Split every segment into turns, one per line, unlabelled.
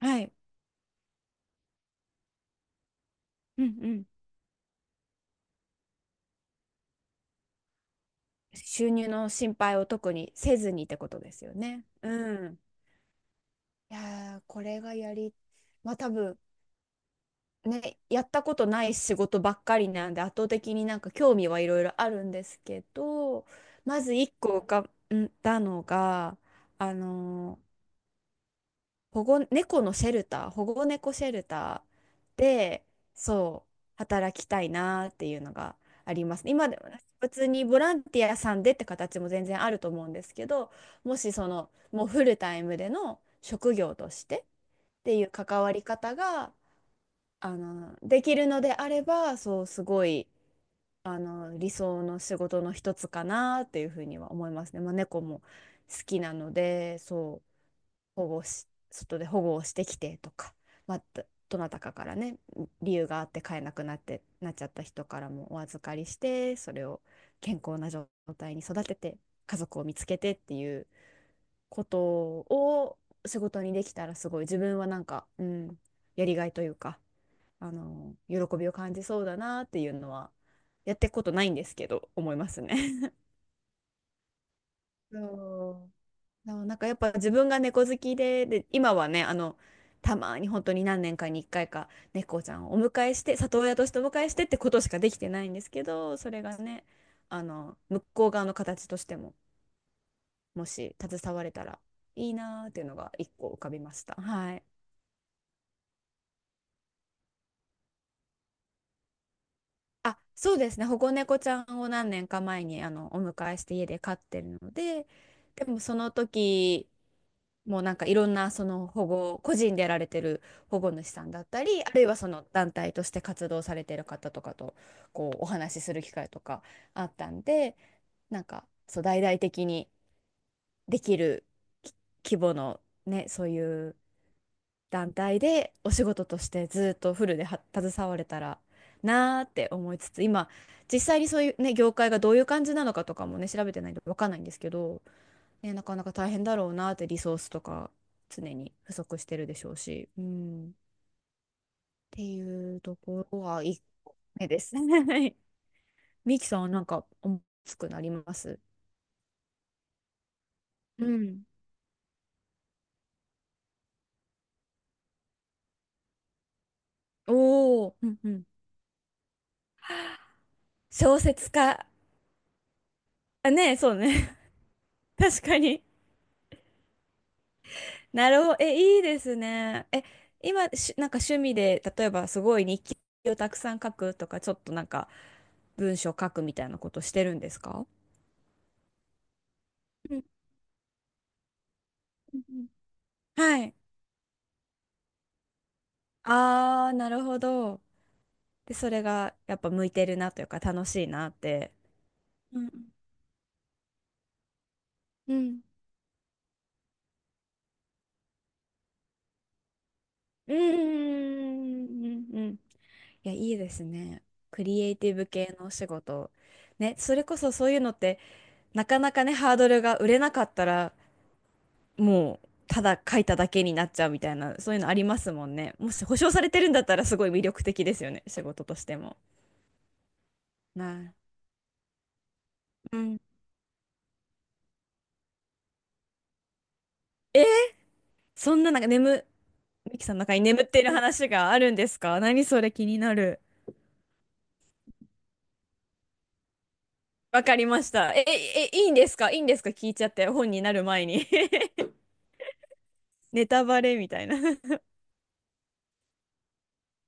はい。うんうん。収入の心配を特にせずにってことですよね。うん。いやー、これがやり、まあ多分、ね、やったことない仕事ばっかりなんで圧倒的になんか興味はいろいろあるんですけど、まず一個浮かんだのがあの保護、猫のシェルター、保護猫シェルターで、そう、働きたいなっていうのがありますね。今でも普通にボランティアさんでって形も全然あると思うんですけど、もしその、もうフルタイムでの職業としてっていう関わり方が、できるのであれば、そう、すごい、理想の仕事の一つかなっていうふうには思いますね。まあ、猫も好きなので、そう。保護し、外で保護をしてきてとか、まあ、どなたかからね、理由があって飼えなくなって、なっちゃった人からもお預かりして、それを健康な状態に育てて、家族を見つけてっていうことを仕事にできたらすごい自分はなんか、うん、やりがいというか、喜びを感じそうだなっていうのは、やっていくことないんですけど、思いますね。そうそうなんかやっぱ自分が猫好きで、で、今はね、たまに本当に何年かに1回か猫ちゃんをお迎えして、里親としてお迎えしてってことしかできてないんですけど、それがね、向こう側の形としても、もし携われたらいいなーっていうのが一個浮かびました。はい。あ、そうですね。保護猫ちゃんを何年か前にお迎えして家で飼ってるので。でもその時もうなんかいろんなその保護、個人でやられてる保護主さんだったり、あるいはその団体として活動されてる方とかとこうお話しする機会とかあったんで、なんかそう大々的にできるき規模のね、そういう団体でお仕事としてずっとフルでは携われたらなーって思いつつ、今実際にそういうね、業界がどういう感じなのかとかもね、調べてないんでわかんないんですけど、ね、なかなか大変だろうなって、リソースとか常に不足してるでしょうし、うん、っていうところが1目ですね。はい。ミキさんはなんか思いつくなります？うん。おお、うんうん。小説家。あ、ね、そうね。確かに。なるほど。え、いいですね。え、今、し、なんか趣味で、例えばすごい日記をたくさん書くとか、ちょっとなんか文章書くみたいなことしてるんですか？うんうん、うん、はい。ああ、なるほど。で、それがやっぱ向いてるなというか楽しいなって。うん。うん。うんうんうんうん。いや、いいですね。クリエイティブ系のお仕事。ね、それこそそういうのって、なかなかね、ハードルが、売れなかったら、もう、ただ書いただけになっちゃうみたいな、そういうのありますもんね。もし保証されてるんだったら、すごい魅力的ですよね、仕事としても。なあ。うん。そんななんか眠、ミキさんの中に眠っている話があるんですか？何それ気になる。わかりました。え、え、え、いいんですか？いいんですか聞いちゃって、本になる前に？ ネタバレみたいな。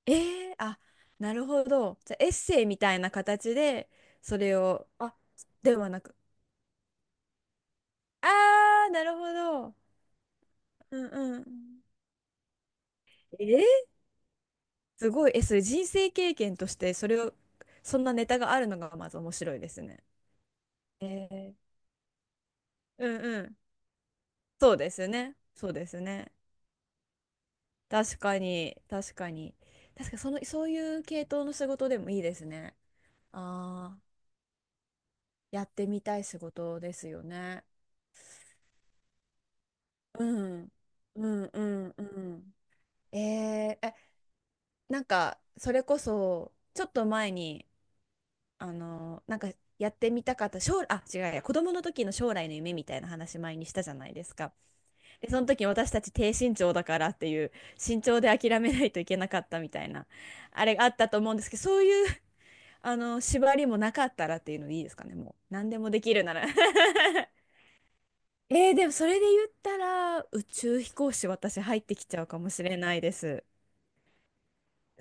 えー、あ、なるほど。じゃあ、エッセイみたいな形で、それを、あ、ではなく、あー、なるほど。うんうん。えー、すごい。え、それ人生経験として、それを、そんなネタがあるのがまず面白いですね。えー、うんうん。そうですね。そうですね。確かに、確かに。確かにその、そういう系統の仕事でもいいですね。ああ、やってみたい仕事ですよね。うん、うん、うん、うん。えー、え、なんか、それこそ、ちょっと前に、あの、なんか、やってみたかった、将来、あ、違うや、子供の時の将来の夢みたいな話前にしたじゃないですか。で、その時私たち低身長だからっていう、身長で諦めないといけなかったみたいな、あれがあったと思うんですけど、そうい縛りもなかったらっていうのでいいですかね、もう。何でもできるなら。 えー、でもそれで言ったら、宇宙飛行士私入ってきちゃうかもしれないです。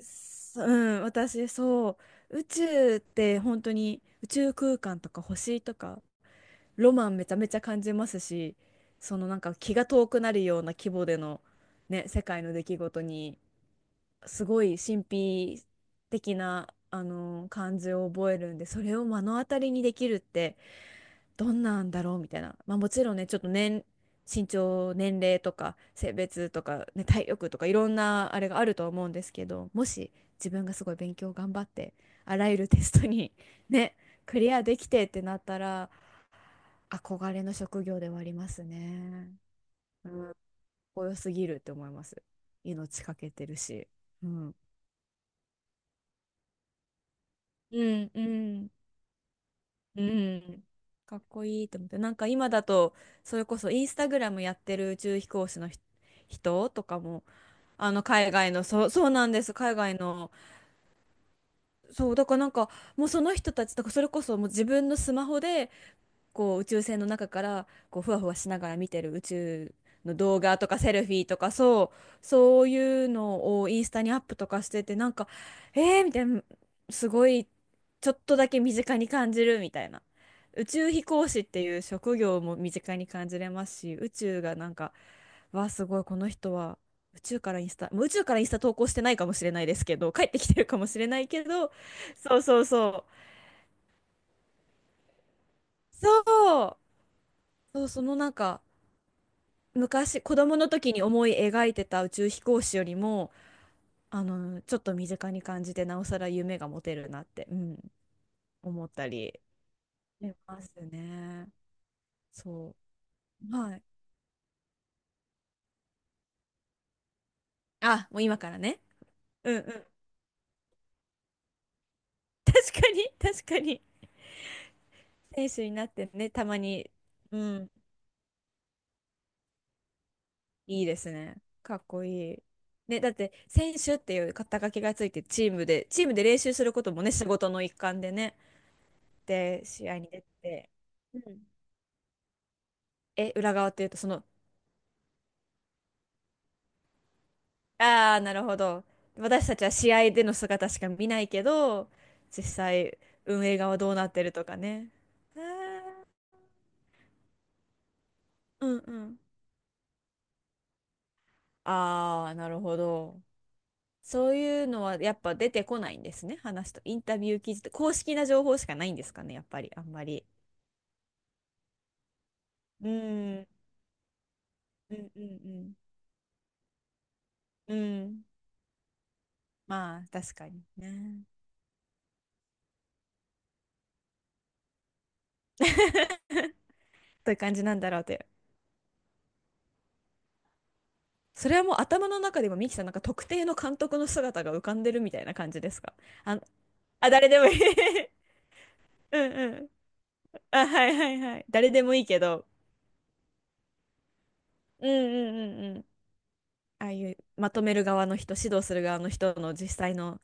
そうん、私そう、宇宙って本当に宇宙空間とか星とか、ロマンめちゃめちゃ感じますし、そのなんか気が遠くなるような規模での、ね、世界の出来事に、すごい神秘的な、感じを覚えるんで、それを目の当たりにできるって、どんなんだろうみたいな、まあ、もちろんね、ちょっと身長、年齢とか性別とか、ね、体力とかいろんなあれがあると思うんですけど、もし自分がすごい勉強頑張ってあらゆるテストに ねクリアできてってなったら、憧れの職業ではありますね。うん、かっこよすぎるって思います。命かけてるし。うん、うん、うんうん。かっこいいと思って。なんか今だと、それこそインスタグラムやってる宇宙飛行士の人とかも、あの海外の、そう、そうなんです。海外の、そう、だからなんか、もうその人たちとか、それこそもう自分のスマホで、こう宇宙船の中からこうふわふわしながら見てる宇宙の動画とかセルフィーとか、そうそういうのをインスタにアップとかしてて、なんか、えー、みたいな、すごいちょっとだけ身近に感じるみたいな。宇宙飛行士っていう職業も身近に感じれますし、宇宙がなんか、わあすごい、この人は宇宙からインスタ、もう宇宙からインスタ投稿してないかもしれないですけど、帰ってきてるかもしれないけど、そうそうそう、そうそうそのなんか昔子供の時に思い描いてた宇宙飛行士よりも、ちょっと身近に感じて、なおさら夢が持てるなって、うん、思ったりしますね。そう、はい。あ、もう今からね。うんうん、確かに確かに。選手になってね、たまに、うん、いいですね、かっこいい。ね、だって選手っていう肩書きがついて、チームで練習することもね、仕事の一環でね、で試合に出て、うん、え、裏側っていうとその、ああ、なるほど。私たちは試合での姿しか見ないけど、実際運営側どうなってるとかね。あー、うんうん。ああ、なるほど。そういうのはやっぱ出てこないんですね、話と。インタビュー記事と、公式な情報しかないんですかね、やっぱり、あんまり。うん、うんうんうん。うん。まあ、確かにね。という感じなんだろうと。それはもう頭の中で、もミキさんなんか特定の監督の姿が浮かんでるみたいな感じですか？あの、あ、誰でもいい。 うんうん。あ、はいはいはい。誰でもいいけど。うんうんうんうん。ああいうまとめる側の人、指導する側の人の実際の、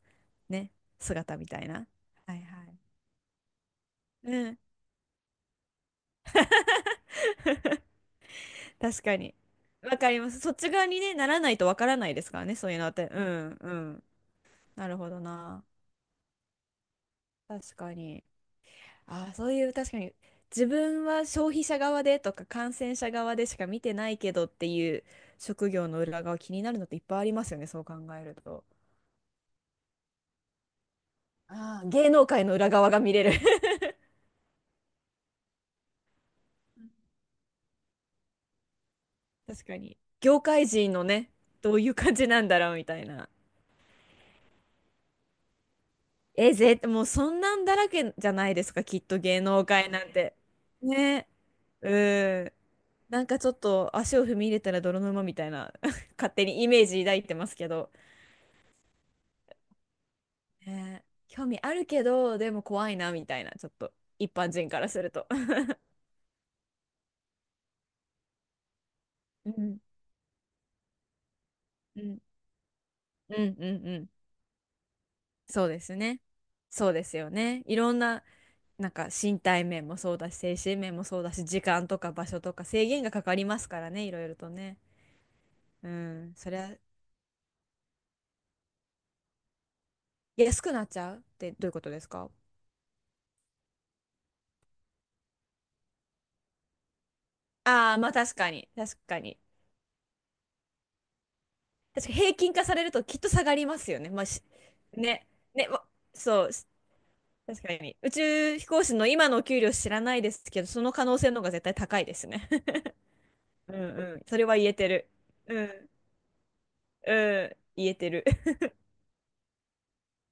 ね、姿みたいな。はいはい。うん。確かに。わかります。そっち側にね、ならないとわからないですからね、そういうのって。うんうん。なるほどな。確かに。ああ、そういう、確かに自分は消費者側でとか感染者側でしか見てないけどっていう、職業の裏側気になるのっていっぱいありますよね、そう考えると。ああ、芸能界の裏側が見れる。 確かに。業界人のね、どういう感じなんだろうみたいな。もうそんなんだらけじゃないですか、きっと芸能界なんて。ね。うん。なんかちょっと足を踏み入れたら泥沼みたいな 勝手にイメージ抱いてますけど。ね、興味あるけど、でも怖いなみたいな、ちょっと一般人からすると。うん、うん、うん、うん、うん。そうですね。そうですよね。いろんな、なんか身体面もそうだし、精神面もそうだし、時間とか場所とか制限がかかりますからね、いろいろとね。うん、そりゃ、安くなっちゃうってどういうことですか？ああ、まあ確かに、確かに。確かに平均化されるときっと下がりますよね。まあし、ね、ね、わ、そう、確かに。宇宙飛行士の今のお給料知らないですけど、その可能性の方が絶対高いですね。うんうん。それは言えてる。うん。うん。言えてる。